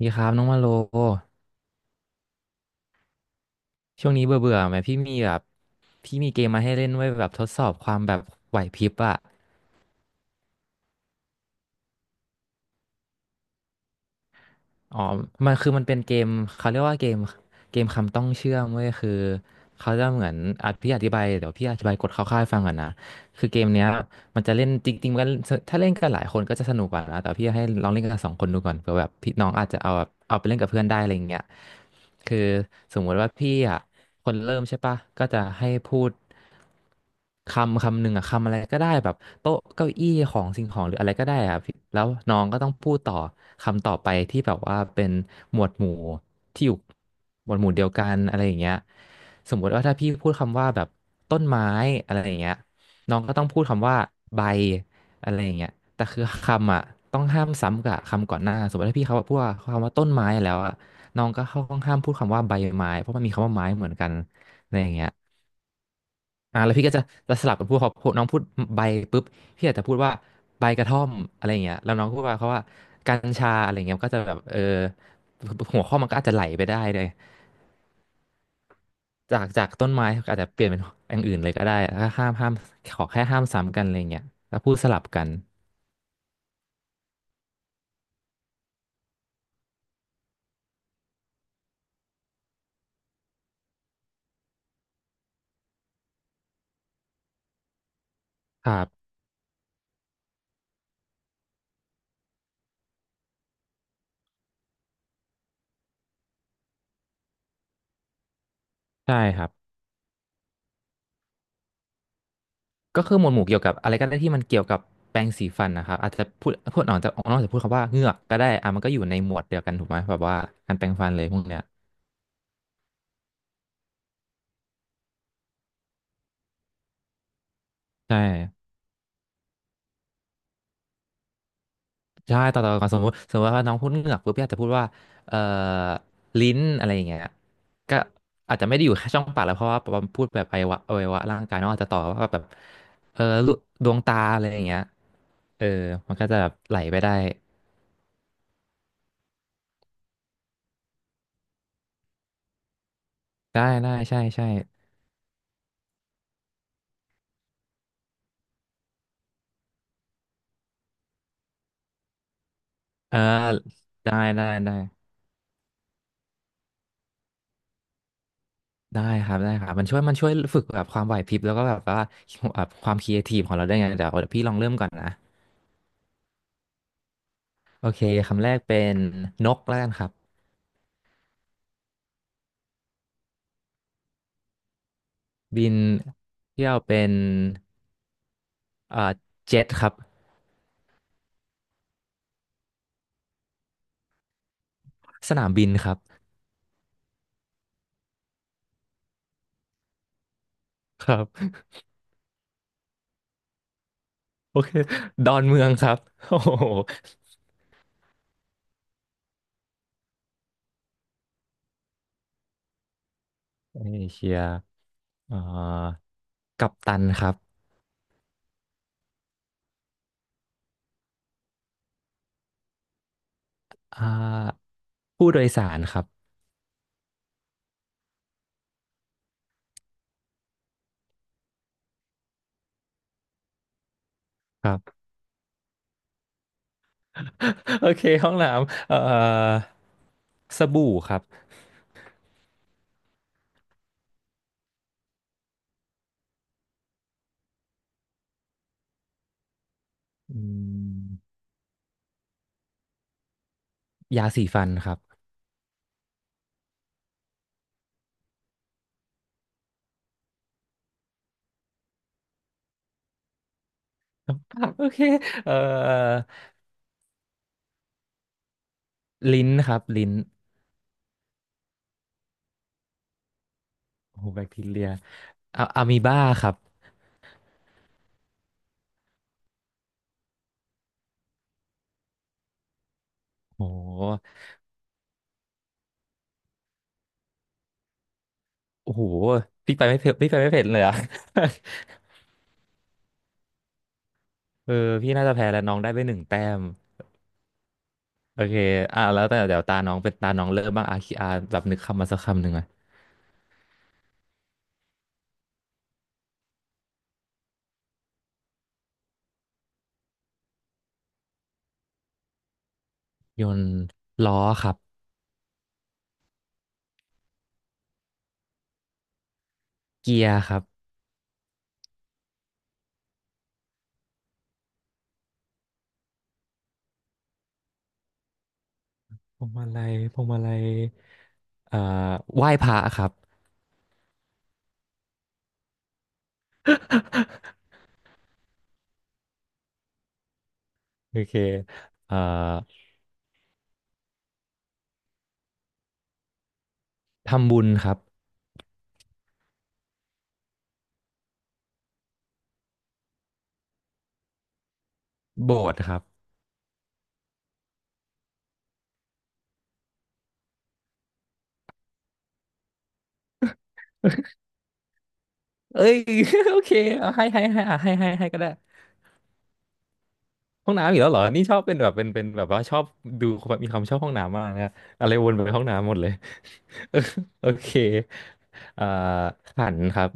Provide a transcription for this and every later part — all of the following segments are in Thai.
ดีครับน้องมาโลช่วงนี้เบื่อเบื่อไหมพี่มีแบบพี่มีเกมมาให้เล่นไว้แบบทดสอบความแบบไหวพริบอะอ๋อมันเป็นเกมเขาเรียกว่าเกมคำต้องเชื่อมเว้ยคือเขาจะเหมือนอ่ะพี่อธิบายเดี๋ยวพี่อธิบายกฎคร่าวๆให้ฟังก่อนนะคือเกมเนี้ยมันจะเล่นจริงๆมันถ้าเล่นกันหลายคนก็จะสนุกกว่านะแต่พี่ให้ลองเล่นกันสองคนดูก่อนเผื่อแบบพี่น้องอาจจะเอาแบบเอาไปเล่นกับเพื่อนได้อะไรอย่างเงี้ยคือสมมติว่าพี่อะ คนเริ่มใช่ปะก็จะให้พูดคำหนึ่งอะคำอะไรก็ได้แบบโต๊ะเก้าอี้ของสิ่งของหรืออะไรก็ได้อะพี่แล้วน้องก็ต้องพูดต่อคำต่อไปที่แบบว่าเป็นหมวดหมู่ที่อยู่หมวดหมู่เดียวกันอะไรอย่างเงี้ยสมมติว่าถ้าพี่พูดคำว่าแบบต้นไม้อะไรอย่างเงี้ยน้องก็ต้องพูดคำว่าใบอะไรอย่างเงี้ยแต่คือคำอ่ะต้องห้ามซ้ำกับคำก่อนหน้าสมมติถ้าพี่เขาพูดว่าคำว่าต้นไม้แล้วอ่ะ น้องก็เข้าห้องห้ามพูดคำว่าใบไม้เพราะมันมีคำว่าไม้เหมือนกันอะไรอย่างเงี้ยอ่าแล้วพี่ก็จะสลับกันพูดเขาพูดน้องพูดใบปุ๊บพี่อาจจะพูดว่าใบกระท่อมอะไรอย่างเงี้ยแล้วน้องก็พูดว่าเขาว่ากัญชาอะไรเงี้ยมันก็จะแบบเออหัวข้อมันก็อาจจะไหลไปได้เลยจากต้นไม้ก็อาจจะเปลี่ยนเป็นอย่างอื่นเลยก็ได้ห้ามขอแค่ห้ามซ้ำกันอะไรเงี้ยแล้วพูดสลับกันครับใช่ครับ ก็คือหมวดหมู่เกี่ยวกับอะไรก็ได้ที่มันเกี่ยวกับแปรงสีฟันนะครับอาจจะพูดออกจากนอกจากพูดคำว่าเหงือกก็ได้อ่ะมันก็อยู่ในหมวดเดียวกันถูกไหมแบบว่าการแปรงฟันเลยพวกเนี้ยใช่ใช่ต่อกันสมมติว่าน้องพูดเหงือกปุ๊บพี่อาจจะพูดว่าเอ่อลิ้นอะไรอย่างเงี้ยก็อาจจะไม่ได้อยู่แค่ช่องปากแล้วเพราะว่าพูดแบบอวัยวะร่างกายเนองอาจจะต่อว่าแบบเออลูดวงตาอะไรอย่างเงี้ยเออมันก็จะแบบไหลไปได้ได้ได้ใช่ใช่เออได้ได้ได้ ได้ครับได้ครับมันช่วยฝึกแบบความไหวพริบแล้วก็แบบว่าแบบความครีเอทีฟของเราได้วยไงเดี๋ยวพี่ลองเริ่มก่อนนะโอเคคำแรกเป็นนกแล้วกันครับบินเที่ยวเป็นเอ่อเจ็ตครับสนามบินครับครับ โอเคดอนเมืองครับ โอ้โหเอเชียเอ่อกัปตันครับอ่าผู้โดยสารครับครับ โอเคห้องน้ำสบู่ครับอืมยาสีฟันครับ โอเคเอ่อลิ้นครับลิ้นโอ้โหแบคทีเรียอะอะมีบ้าครับโอ้โหโอ้โหพี่ไปไม่เผ็ดเลยอะ เออพี่น่าจะแพ้แล้วน้องได้ไปหนึ่งแต้มโอเคอ่ะแล้วแต่เดี๋ยวตาน้องเป็นตาน้องเริ่มบ้างอาคีอาแบบนึกคำมาสักคำหนึ่งอะยนต์ล้อครับเกียร์ครับพวงมาลัยเอ่อไหว้พระครับ โอเคเอ่อทำบุญครับโบสถ์ครับ เอ้ย โอเคเอาให้อ่ะให้ก็ได้ห้องน้ำอีกแล้วเหรอนี่ชอบเป็นแบบเป็นแบบว่าชอบดูแบบมีความชอบห้องน้ำมากนะอะไรวนไปห้องน้ำหมดเลย เออโอเคอ่าขันครับ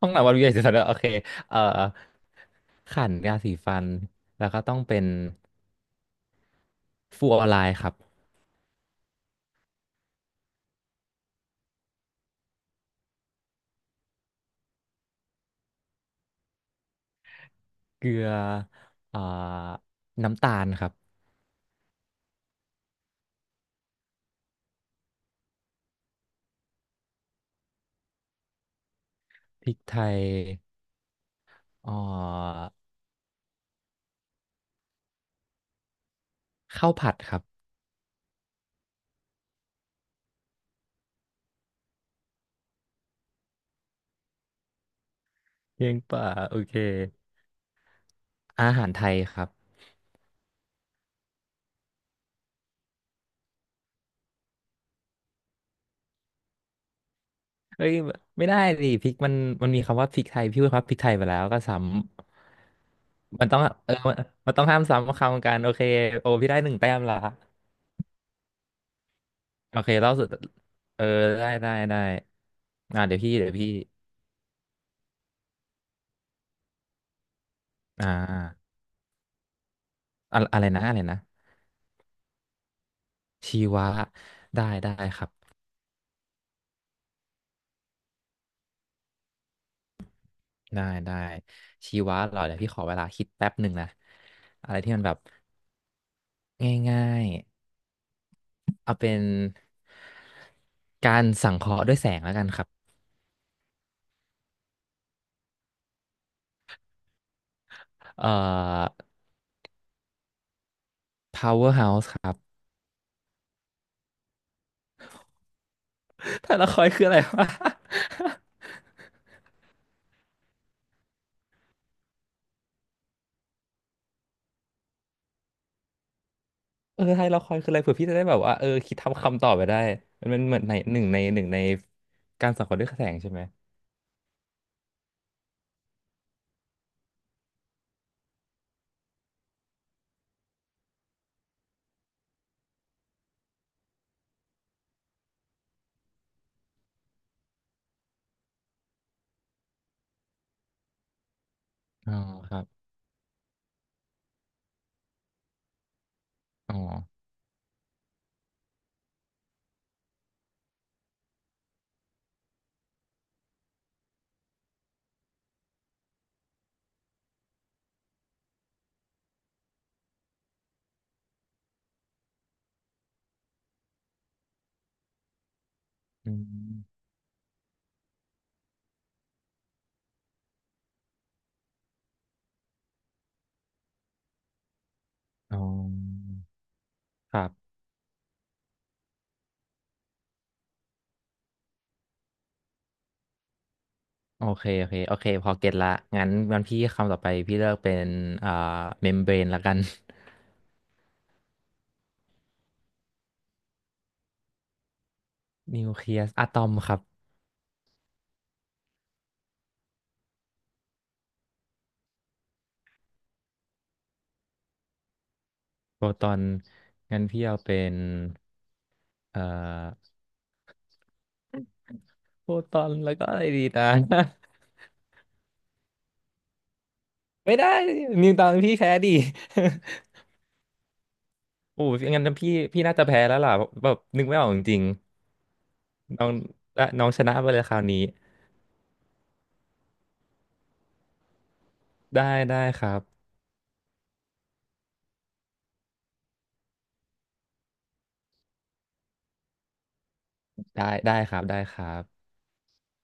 ห้องน้ำวันวิทยาศาสตร์โอเคเอ่อขันยาสีฟันแล้วก็ต้องเป็นฟูออไลน์ครับเกลืออ่าน้ำตาลครับพริกไทยอ่าข้าวผัดครับเพียงป่าโอเคอาหารไทยครับ เฮ้ยไม่ได้ดิพริกมันมันมีคำว่าพริกไทยพี่พูดครับพริกไทยไปแล้วก็ซ้ำมันต้องเออมันต้องห้ามซ้ำคำกันโอเคโอพี่ได้หนึ่งแต้มละโอเคเล่าสุดเออได้ได้ได้อ่าเดี๋ยวพี่เดี๋ยวพี่อ่าอะไรนะชีวะได้ได้ครับได้ได้ชีวะเหรอเดี๋ยวพี่ขอเวลาคิดแป๊บหนึ่งนะอะไรที่มันแบบง่ายๆเอาเป็นการสังเคราะห์ด้วยแสงแล้วกันครับเอ่อ Power House ครับ ไทยละครคืออะไรวะ เออไทยละครคืออะไรเผื่อพี่จะได้แบบว่าเออคิดทำคำตอบไปได้มันมันเหมือนในหนึ่งในการสังเคราะห์ด้วยแสงใช่ไหมอ๋อครับอ๋ออืมอ๋อครับโอเคพอเก็ตละงั้นพี่คำต่อไปพี่เลือกเป็นอ่าเมมเบรนละกัน นิวเคลียสอะตอมครับโปรตอนงั้นพี่เอาเป็นเอ่อโปรตอนแล้วก็อะไรดีนะ ไม่ได้นิวตอนพี่แพ้ดิ โอ้ยงั้นพี่น่าจะแพ้แล้วล่ะแบบนึกไม่ออกจริงๆน้องน้องชนะไปเลยคราวนี้ ได้ได้ครับ ได้ได้ครับได้ครับ